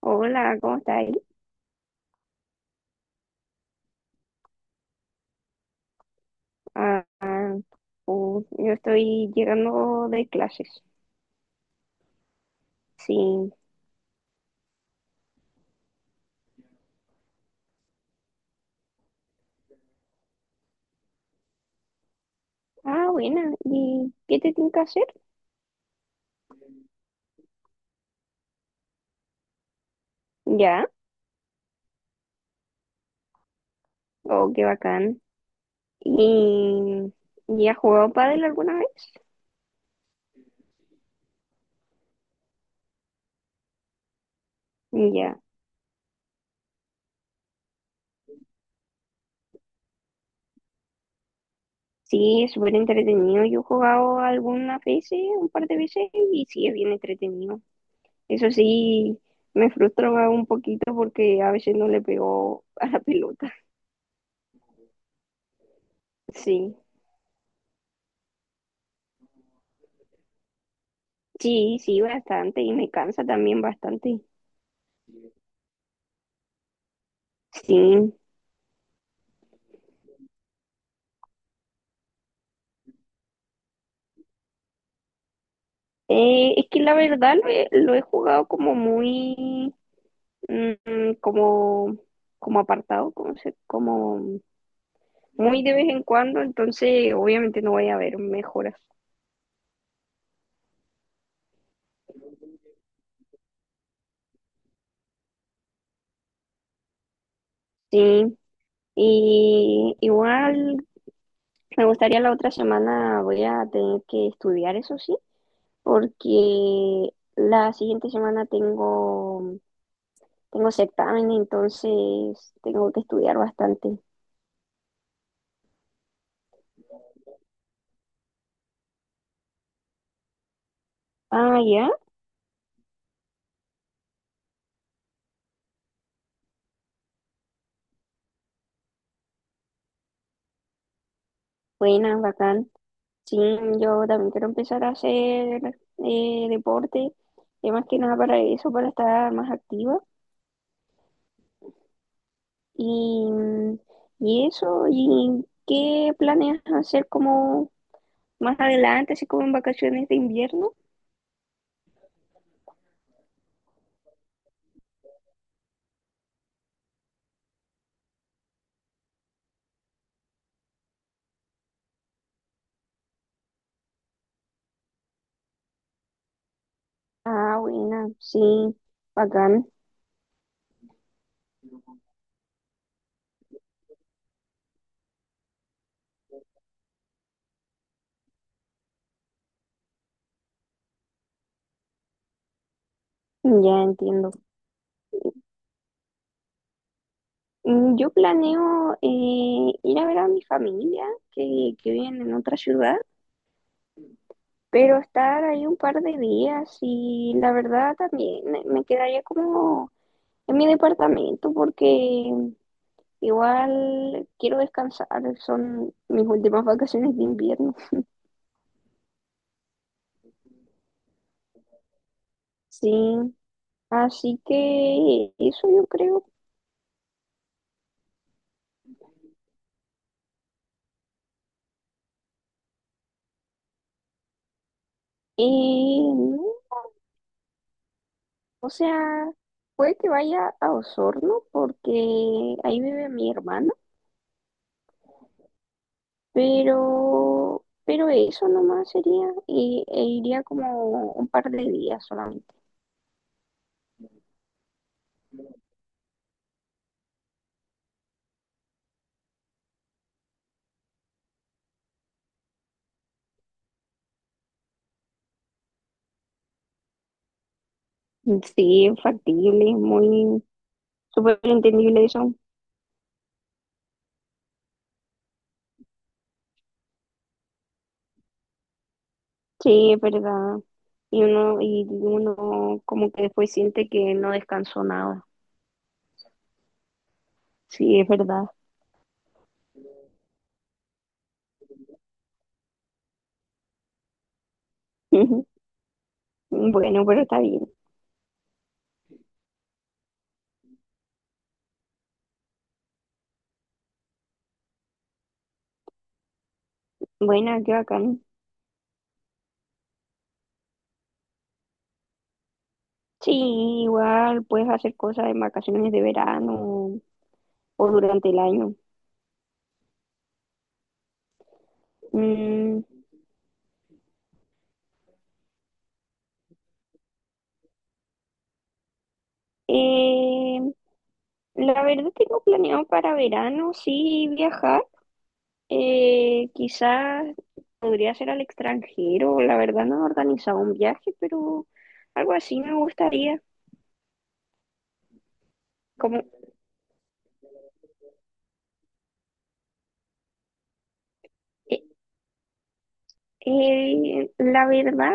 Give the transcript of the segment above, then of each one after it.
Hola, ¿cómo estáis? Ah, ah, yo estoy llegando de clases. Sí. Ah, buena. ¿Y qué te tengo que hacer? Ya. Oh, qué bacán. ¿Y, ¿Y has jugado pádel alguna vez? Ya. Sí, es súper entretenido. Yo he jugado algunas veces, un par de veces, y sí, es bien entretenido. Eso sí, me frustra un poquito porque a veces no le pego a la pelota. Sí. Sí, sí, bastante. Y me cansa también bastante. Sí. Es que la verdad lo he jugado como muy, mm, como, como apartado, como, se- como Muy de vez en cuando, entonces obviamente no voy a ver mejoras. Sí, y igual me gustaría la otra semana. Voy a tener que estudiar, eso sí, porque la siguiente semana tengo certamen, entonces tengo que estudiar bastante. Ah, ya, buena, bacán. Sí, yo también quiero empezar a hacer deporte, más que nada para eso, para estar más activa. Y, y eso. ¿Y qué planeas hacer como más adelante, así como en vacaciones de invierno? Ah, buena, sí, bacán, ya entiendo. Yo planeo, ir a ver a mi familia, que viven en otra ciudad, pero estar ahí un par de días. Y la verdad también me quedaría como en mi departamento, porque igual quiero descansar, son mis últimas vacaciones de invierno. Sí, así que eso yo creo. No, o sea, puede que vaya a Osorno porque ahí vive mi hermana, pero eso nomás sería. Y, e iría como un par de días solamente. Sí, es factible, es muy súper entendible eso. Sí, es verdad. Y uno como que después siente que no descansó nada. Sí, es verdad. Bueno, pero está bien. Buena, qué bacán. Sí, igual puedes hacer cosas en vacaciones de verano o durante el año. Mm, eh, la verdad tengo planeado para verano, sí, viajar. Quizás podría ser al extranjero. La verdad no he organizado un viaje, pero algo así me gustaría. Como, la verdad,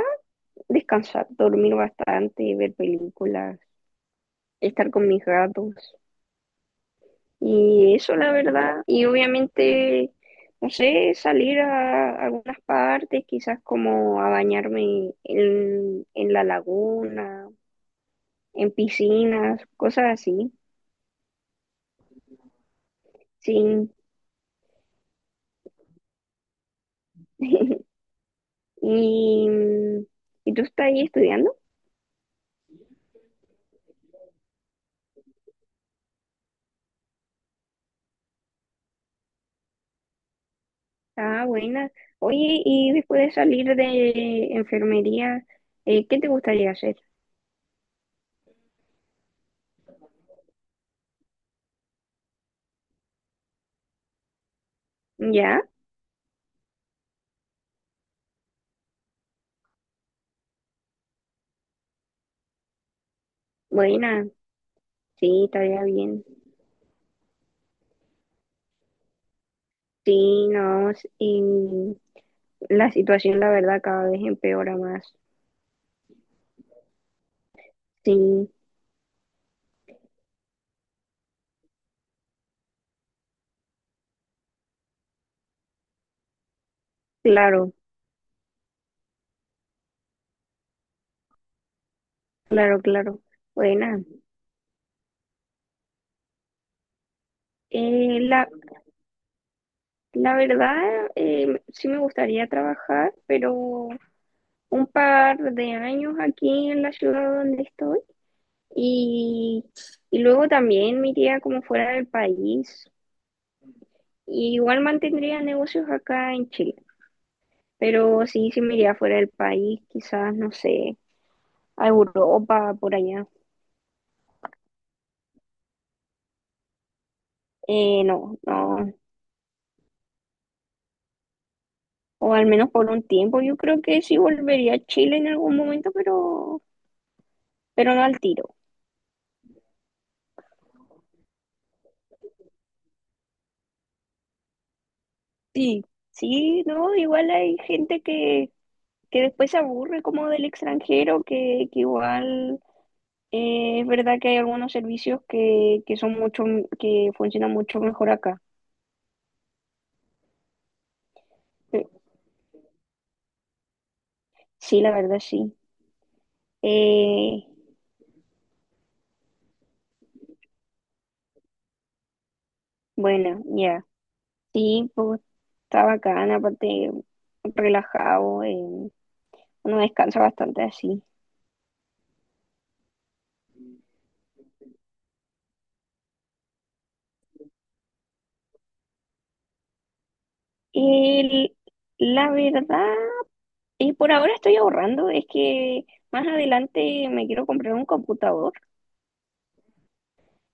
descansar, dormir bastante, ver películas, estar con mis gatos. Y eso, la verdad. Y obviamente, no sé, salir a algunas partes, quizás como a bañarme en la laguna, en piscinas, cosas así. Sí. Y, ¿y tú estás ahí estudiando? Ah, buena. Oye, y después de salir de enfermería, ¿qué te gustaría hacer? Ya, buena, sí, estaría bien. Sí, no, y la situación, la verdad, cada vez empeora más. Sí, claro, claro, claro. Buena. Eh, la, la verdad, sí me gustaría trabajar, pero un par de años aquí en la ciudad donde estoy. Y, y luego también me iría como fuera del país. Y igual mantendría negocios acá en Chile. Pero sí, sí me iría fuera del país, quizás, no sé, a Europa, por allá. No, no, o al menos por un tiempo. Yo creo que sí volvería a Chile en algún momento, pero no al tiro. Sí. Sí, no, igual hay gente que después se aburre como del extranjero, que igual es verdad que hay algunos servicios que son mucho, que funcionan mucho mejor acá. Sí, la verdad sí. Eh, bueno, ya. Sí, pues está bacán, aparte relajado, uno descansa bastante así. El- la verdad, y por ahora estoy ahorrando. Es que más adelante me quiero comprar un computador.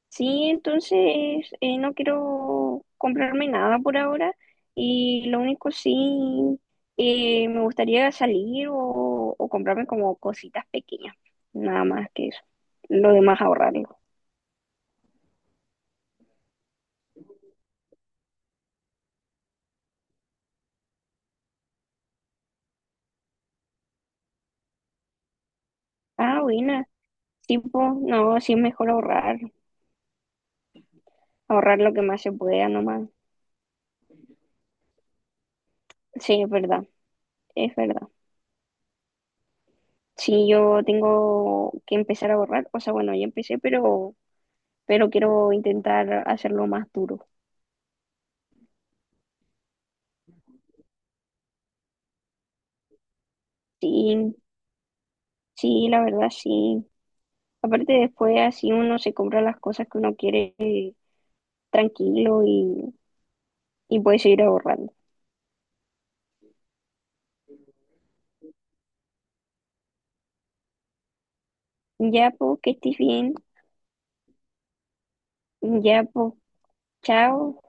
Sí, entonces no quiero comprarme nada por ahora. Y lo único sí, me gustaría salir o comprarme como cositas pequeñas, nada más que eso. Lo demás ahorrarlo. Ah, buena. Tipo, no, sí es mejor ahorrar, ahorrar lo que más se pueda nomás. Sí, es verdad, es verdad. Sí, yo tengo que empezar a ahorrar, o sea, bueno, ya empecé, pero quiero intentar hacerlo más duro. Sí, sí, la verdad, sí. Aparte después así uno se compra las cosas que uno quiere, tranquilo. Y, y puede seguir ahorrando. Ya, pues, que estés bien. Ya, pues, chao.